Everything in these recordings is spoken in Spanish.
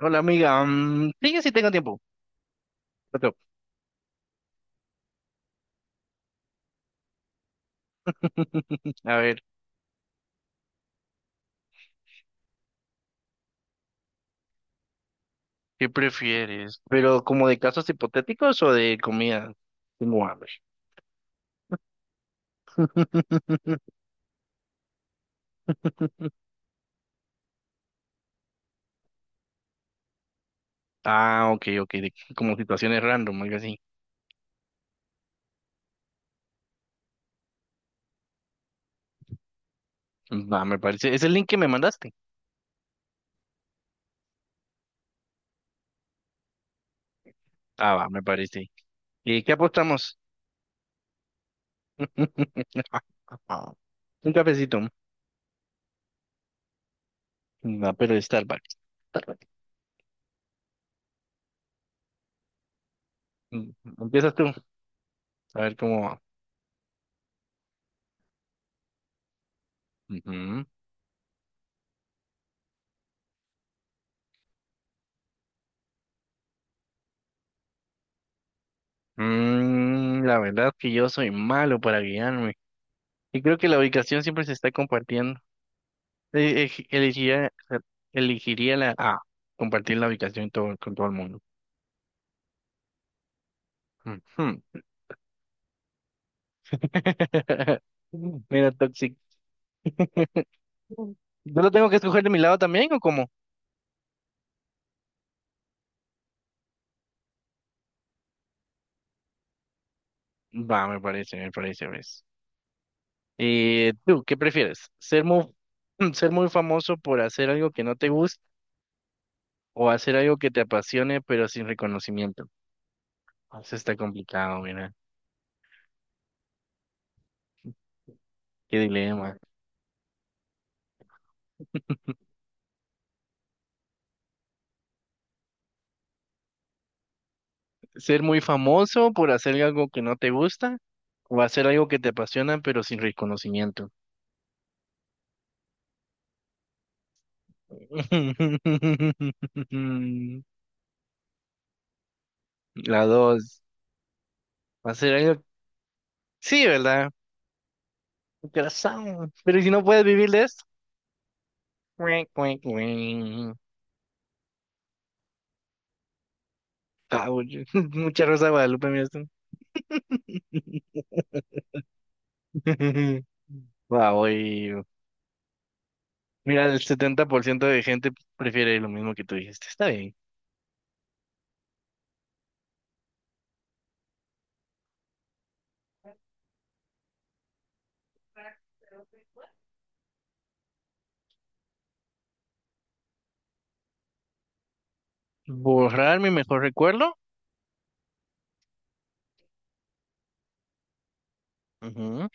Hola, amiga, mm, sí, yo sí tengo tiempo. Otro. A ver, ¿qué prefieres? ¿Pero como de casos hipotéticos o de comida? Tengo hambre. Ah, ok, ok, como situaciones random, algo así. Va, me parece. ¿Es el link que me mandaste? Ah, va, me parece. ¿Y qué apostamos? Un cafecito. No, pero de Starbucks. Starbucks. Mm, Empiezas tú, a ver cómo va. Ujú. La verdad que yo soy malo para guiarme. Y creo que la ubicación siempre se está compartiendo. Eh, ej- elegiría, elegiría la A, compartir la ubicación con todo el mundo. Ujú. Mira, Toxic. ¿Yo lo tengo que escoger de mi lado también o cómo? Va, me parece, ves. ¿Tú qué prefieres? ¿Ser muy, ser muy famoso por hacer algo que no te gusta o hacer algo que te apasione pero sin reconocimiento? Ah, eso está complicado, mira. Qué dilema. Ser muy famoso por hacer algo que no te gusta o hacer algo que te apasiona pero sin reconocimiento. La dos. Hacer algo. Sí, ¿verdad? Corazón. Pero ¿y si no puedes vivir de esto? Cuic, cuic, cuic. Ah, oye, mucha rosa de Guadalupe, mira esto. Wow, mira, el 70% de gente prefiere lo mismo que tú dijiste. Está bien. Borrar mi mejor recuerdo. Ujú.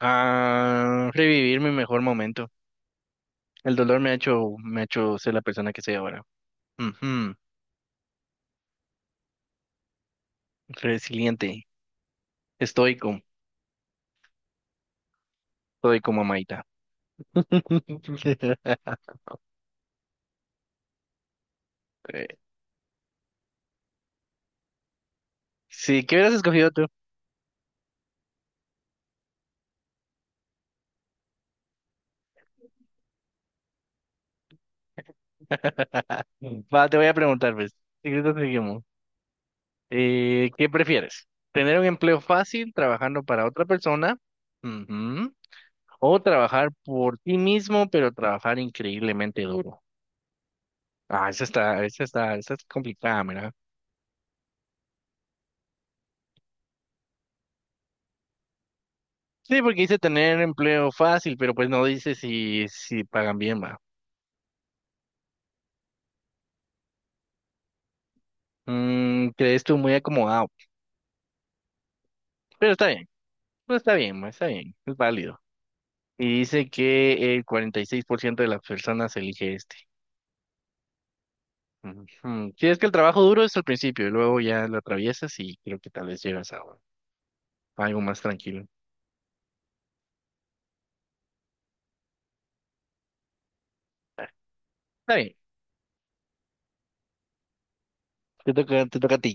A revivir mi mejor momento. El dolor me ha hecho ser la persona que soy ahora. Ujú. Resiliente, estoico, estoico, mamaita. Eh, Sí, ¿qué hubieras escogido tú? Va, te voy a preguntar, pues. Secreto seguimos. ¿Qué prefieres? ¿Tener un empleo fácil trabajando para otra persona? Ujú. ¿O trabajar por ti mismo, pero trabajar increíblemente duro? Ah, esa es complicada. Sí, porque dice tener empleo fácil, pero pues no dice si pagan bien, va. Crees tú muy acomodado. Pero está bien, pues está bien, ma, está bien, es válido. Y dice que el 46% de las personas elige este. Ujú. Sí, es que el trabajo duro es al principio, y luego ya lo atraviesas y creo que tal vez llegas a algo más tranquilo. Está bien, te toca a ti.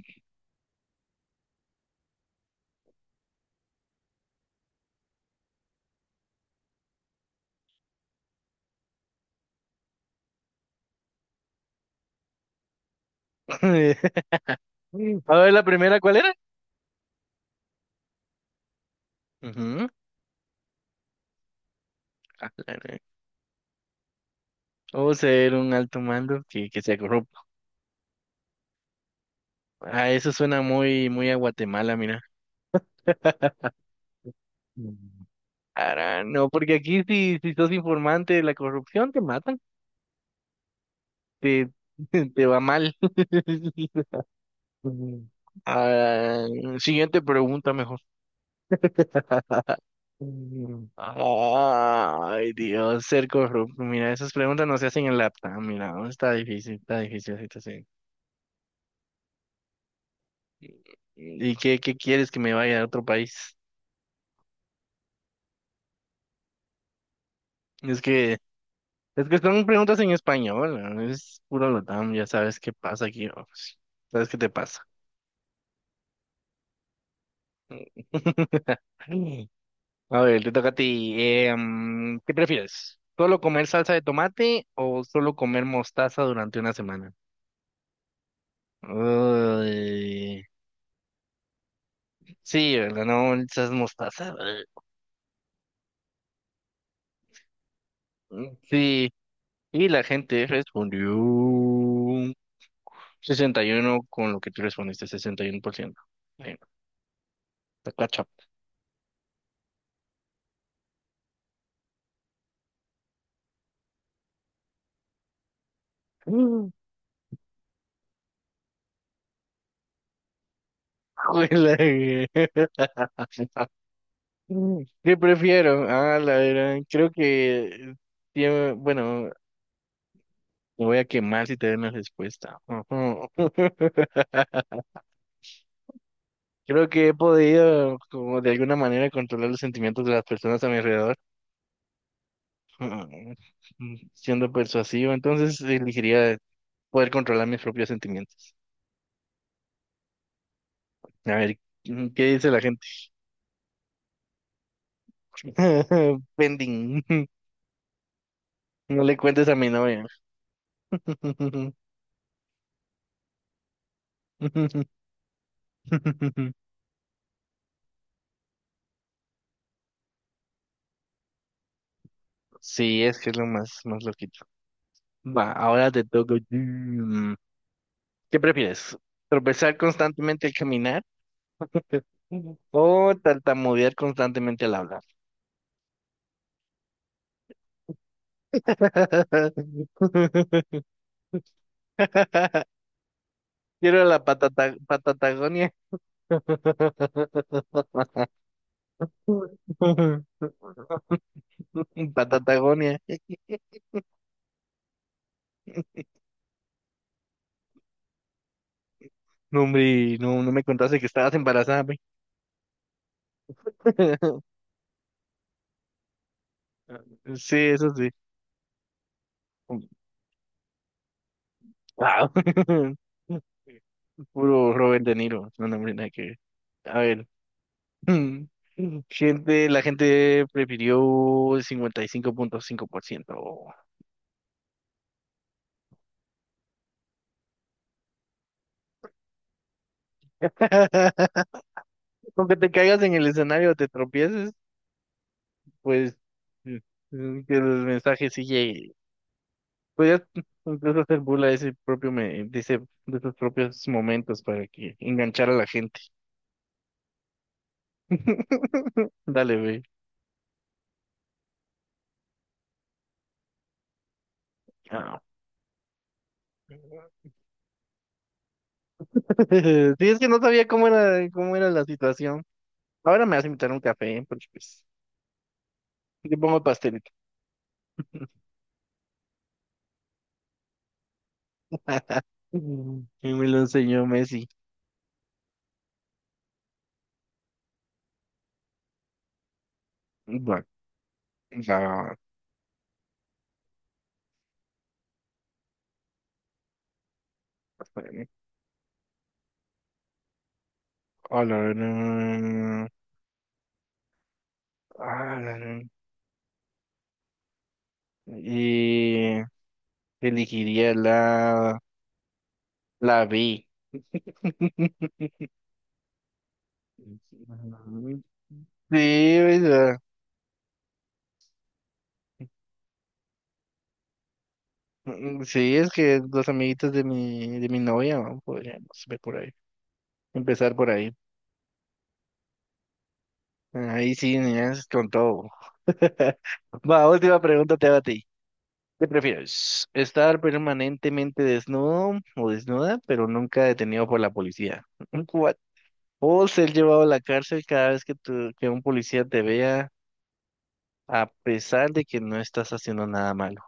A ver, la primera, ¿cuál era? Ujú. Ah, claro. O ser un alto mando que se. Ah, eso suena muy, muy a Guatemala, mira. Mm. Ara, no, porque aquí si sos informante de la corrupción, te matan, te, te va mal. Mm. Ah, siguiente pregunta mejor. Mm. Ay, Dios, ser corrupto. Mira, esas preguntas no se hacen en la laptop. Mira, no, está difícil la situación. ¿Y qué quieres que me vaya a otro país? Es que Es que son preguntas en español, ¿no? Es puro LATAM, ya sabes qué pasa aquí, ¿no? Pues, sabes qué te pasa. A ver, te toca a ti. ¿Qué prefieres? ¿Solo comer salsa de tomate o solo comer mostaza durante una semana? Uy, sí, ¿verdad? No, esas mostaza. Ugh. Sí, y la gente respondió 61 con lo que tú respondiste, 61%. Bueno, está cacha. Juela, güey. ¿Qué prefiero? Ah, la verdad, creo que bueno, me voy a quemar si te doy una respuesta. Ujú. Creo que he podido, como de alguna manera, controlar los sentimientos de las personas a mi alrededor, ujú, siendo persuasivo. Entonces, elegiría poder controlar mis propios sentimientos. A ver, ¿qué dice la gente? Pending. No le cuentes a mi novia. Sí, es que es lo más, más loquito. Va, ahora te toco. ¿Qué prefieres? ¿Tropezar constantemente al caminar o tartamudear constantemente al hablar? Quiero la patata, patatagonia. Patatagonia. No, hombre, no, no me contaste que estabas embarazada, güey. Sí, eso sí. Wow. Puro Robert De Niro. No, no, hombre, nada que ver. A ver. La gente prefirió el 55.5%. Con que te caigas en el escenario o te tropieces, pues mm, que los mensajes sí lleguen. Podrías incluso hacer burla de ese propio me- de ese- de esos propios momentos para que enganchar a la gente. Dale, güey. Ah. Sí, es que no sabía cómo era la situación. Ahora me vas a invitar a un café, ¿eh? Porque pues te pongo pastelito. Y me lo enseñó Messi. Bueno, ya, bueno, hola, no, hola, no. Y elegiría la B. Sí, verdad. Sí, es que los amiguitos de mi novia, ¿no? Podríamos ver por ahí, empezar por ahí. Ahí sí, niñas, con todo. Va, última pregunta te va a ti. ¿Qué prefieres? ¿Estar permanentemente desnudo o desnuda, pero nunca detenido por la policía? What? ¿O ser llevado a la cárcel cada vez que, que un policía te vea, a pesar de que no estás haciendo nada malo?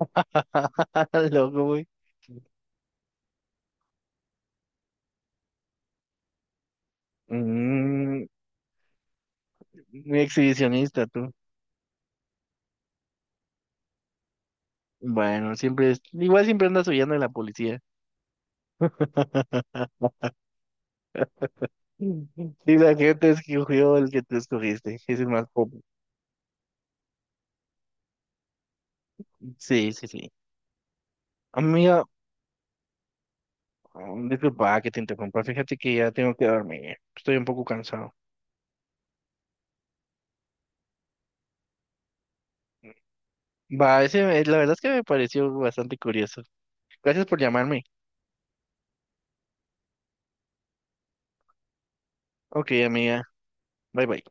Loco, güey. Mm, muy exhibicionista, tú. Bueno, siempre, igual siempre andas huyendo de la policía. Y la gente escogió el que tú escogiste. Es el más pop. Sí, sí, sí. Amiga, disculpa que te interrumpa, fíjate que ya tengo que dormir, estoy un poco cansado. Va, ese, la verdad es que me pareció bastante curioso. Gracias por llamarme. Ok, amiga, bye bye.